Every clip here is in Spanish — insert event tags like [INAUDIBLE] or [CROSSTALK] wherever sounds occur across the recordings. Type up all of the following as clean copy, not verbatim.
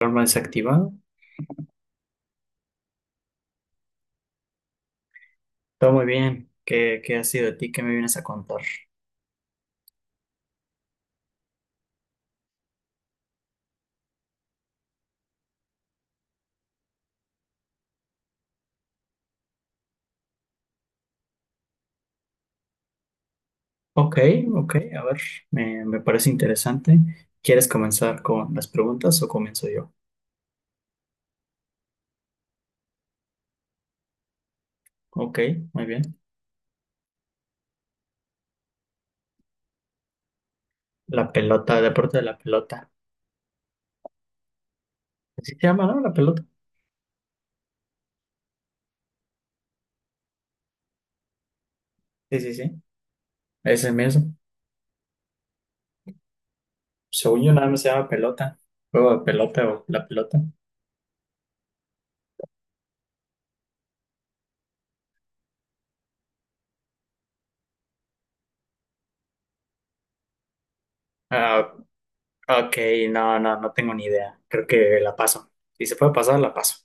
Alarma desactivado. Todo muy bien. ¿Qué ha sido de ti? ¿Qué me vienes a contar? Ok, ok, a ver, me parece interesante. ¿Quieres comenzar con las preguntas o comienzo yo? Ok, muy bien. La pelota, el deporte de la pelota. ¿Así se llama, no? La pelota. Sí, sí, sí. Ese mismo. Según yo, nada más se llama pelota. Juego de pelota o la pelota. Ah, ok, no, no, no tengo ni idea. Creo que la paso. Si se puede pasar, la paso.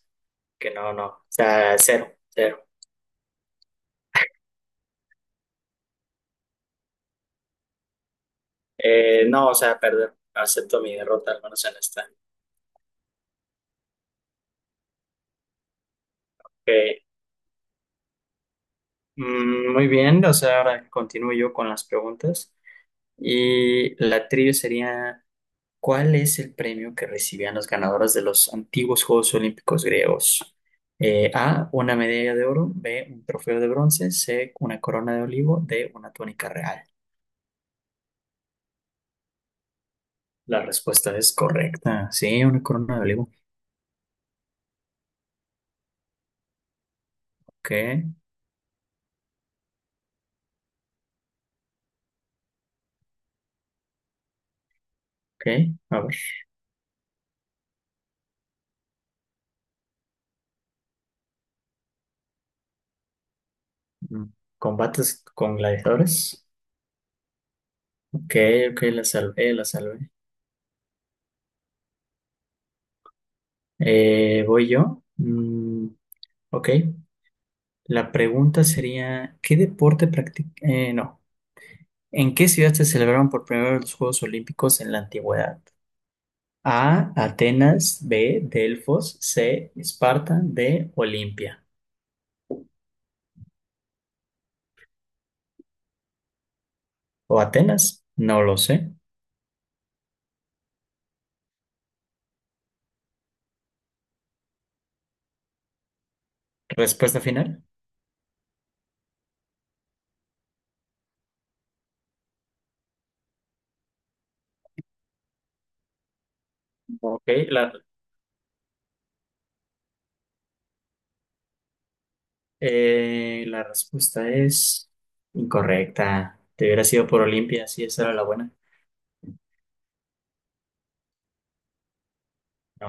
Que no, no. O sea, cero, cero. No, o sea, perder, acepto mi derrota, al menos en esta. Ok, muy bien, o sea, ahora continúo yo con las preguntas. Y la trivia sería, ¿cuál es el premio que recibían los ganadores de los antiguos Juegos Olímpicos griegos? A, una medalla de oro, B, un trofeo de bronce, C, una corona de olivo, D, una túnica real. La respuesta es correcta, sí, una corona de olivo. Ok, ok, a ver. Mm, ¿Combates con gladiadores? Ok, ok, la salvé, la salvé. ¿Voy yo? Ok. La pregunta sería, ¿qué deporte practica? No. ¿En qué ciudad se celebraron por primera vez los Juegos Olímpicos en la antigüedad? A, Atenas, B, Delfos, C, Esparta, D, Olimpia. ¿O Atenas? No lo sé. Respuesta final. Ok, la, la respuesta es incorrecta. Te hubiera sido por Olimpia, sí, esa era la buena.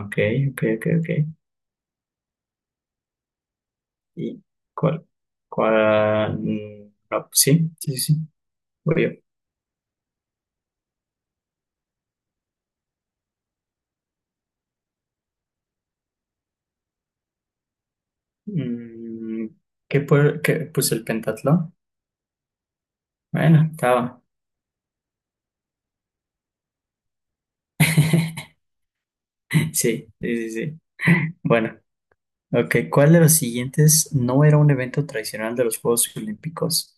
Ok, ok, ok, ok. Y cuál, cuál, no, sí, sí, sí, sí. Voy yo. Mm, ¿qué, qué puse el pentatlón? Bueno, estaba. [LAUGHS] Sí, sí, sí, sí. Bueno, ok. ¿Cuál de los siguientes no era un evento tradicional de los Juegos Olímpicos?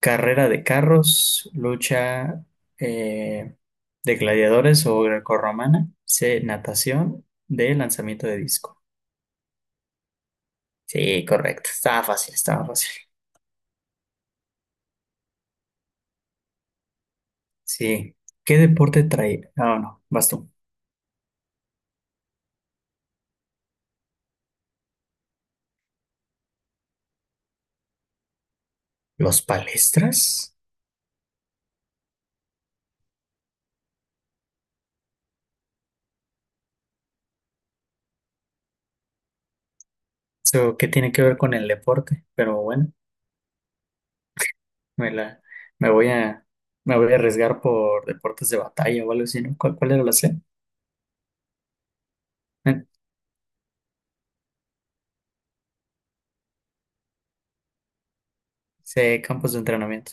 Carrera de carros, lucha eh, de gladiadores o grecorromana, C, natación, D, lanzamiento de disco. Sí, correcto. Estaba fácil, estaba fácil. Sí. ¿Qué deporte trae? Ah, no, vas tú. ¿Los palestras? ¿Eso qué tiene que ver con el deporte? Pero bueno, me la, me voy a, me voy a arriesgar por deportes de batalla o algo así, ¿no? ¿Cuál era la C? Eh, C, campos de entrenamiento.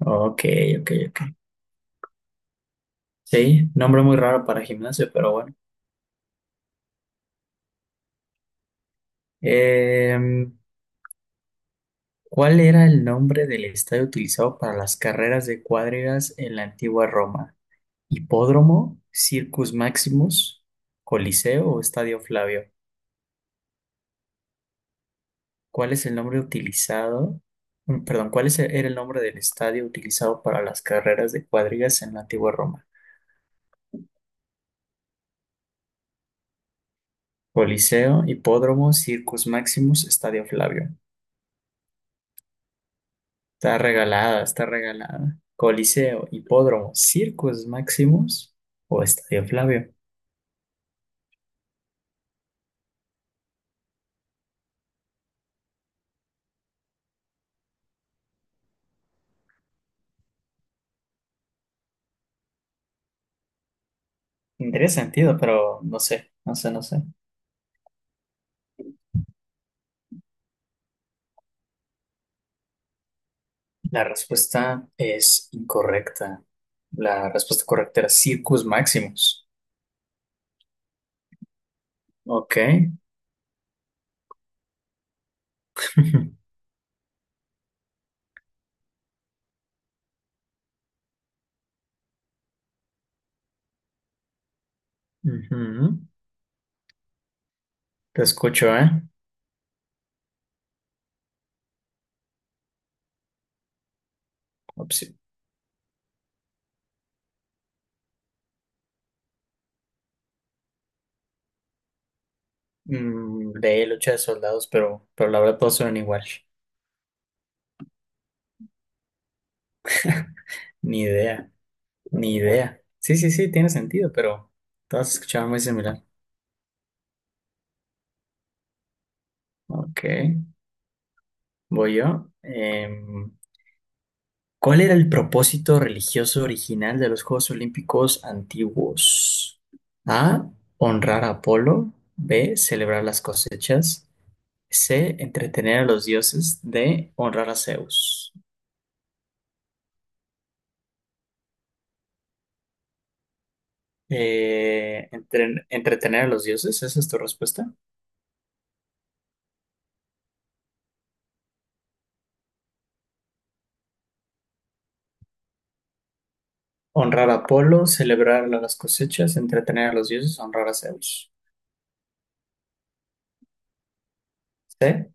Ok, ok, ok. Sí, nombre muy raro para gimnasio, pero bueno. Em, ¿Cuál era el nombre del estadio utilizado para las carreras de cuadrigas en la antigua Roma? Hipódromo, Circus Maximus, Coliseo o Estadio Flavio. ¿Cuál es el nombre utilizado? Perdón, ¿cuál es era el nombre del estadio utilizado para las carreras de cuadrigas en la antigua Roma? Coliseo, Hipódromo, Circus Maximus, Estadio Flavio. Está regalada, está regalada. Coliseo, Hipódromo, Circus Maximus o Estadio Flavio. Tendría sentido, pero no sé, no sé, no sé. La respuesta es incorrecta. La respuesta correcta era Circus Maximus. Ok. [LAUGHS] Ujú. Te escucho, ¿eh? Ops. Mm, de lucha de soldados, pero la verdad todos suenan igual. Ni idea, ni idea. Sí, sí, sí, tiene sentido, pero todas escuchaban muy similar. Ok, voy yo. ¿Cuál era el propósito religioso original de los Juegos Olímpicos antiguos? A. Honrar a Apolo. B. Celebrar las cosechas. C. Entretener a los dioses. D. Honrar a Zeus. Entretener a los dioses, ¿esa es tu respuesta? Honrar a Apolo, celebrar las cosechas, entretener a los dioses, honrar a Zeus. ¿Sí?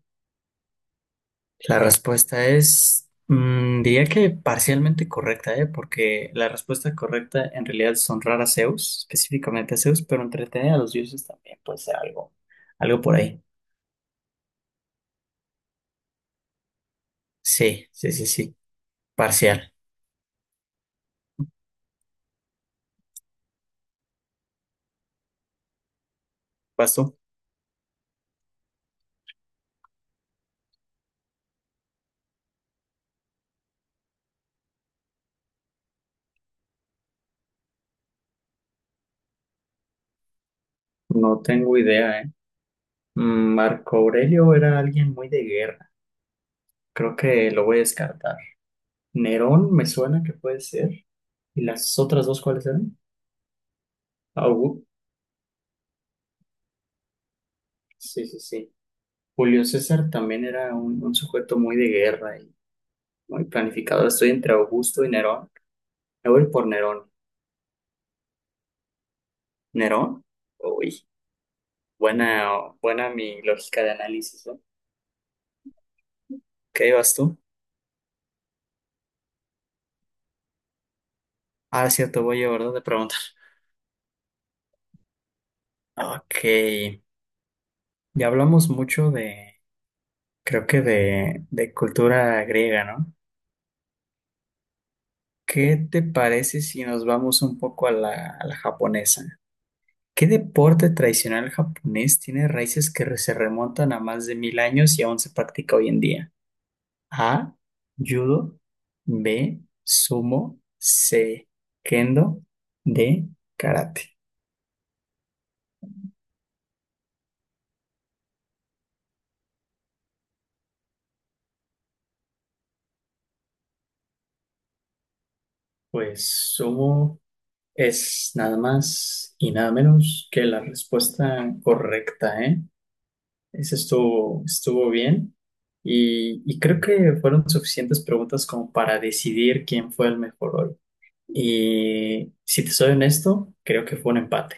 La respuesta es, mm, diría que parcialmente correcta, ¿eh? Porque la respuesta correcta en realidad son a Zeus, específicamente a Zeus, pero entretener a los dioses también puede ser algo, algo por ahí. Sí, sí, sí, sí, parcial. ¿Paso? No tengo idea, ¿eh? Mm, Marco Aurelio era alguien muy de guerra. Creo que lo voy a descartar. Nerón me suena que puede ser. ¿Y las otras dos cuáles eran? Augu- Sí, sí, sí. Julio César también era un sujeto muy de guerra. Muy planificado, estoy entre Augusto y Nerón. Me voy por Nerón. ¿Nerón? Uy, buena, buena mi lógica de análisis, ¿no? ¿Qué vas tú? Ah, cierto, voy yo, ¿verdad? De preguntar. Ok, ya hablamos mucho creo que de cultura griega, ¿no? ¿Qué te parece si nos vamos un poco a a la japonesa? ¿Qué deporte tradicional japonés tiene raíces que se remontan a más de 1000 años y aún se practica hoy en día? A, judo, B, sumo, C, kendo, D, karate. Pues sumo es nada más y nada menos que la respuesta correcta, ¿eh? Eso estuvo, estuvo bien. Y creo que fueron suficientes preguntas como para decidir quién fue el mejor hoy. Y si te soy honesto, creo que fue un empate.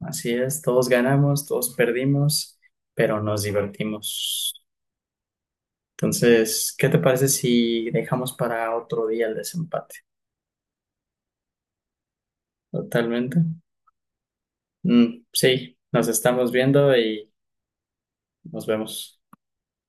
Así es, todos ganamos, todos perdimos, pero nos divertimos. Entonces, ¿qué te parece si dejamos para otro día el desempate? Totalmente. Mm, sí, nos estamos viendo y nos vemos.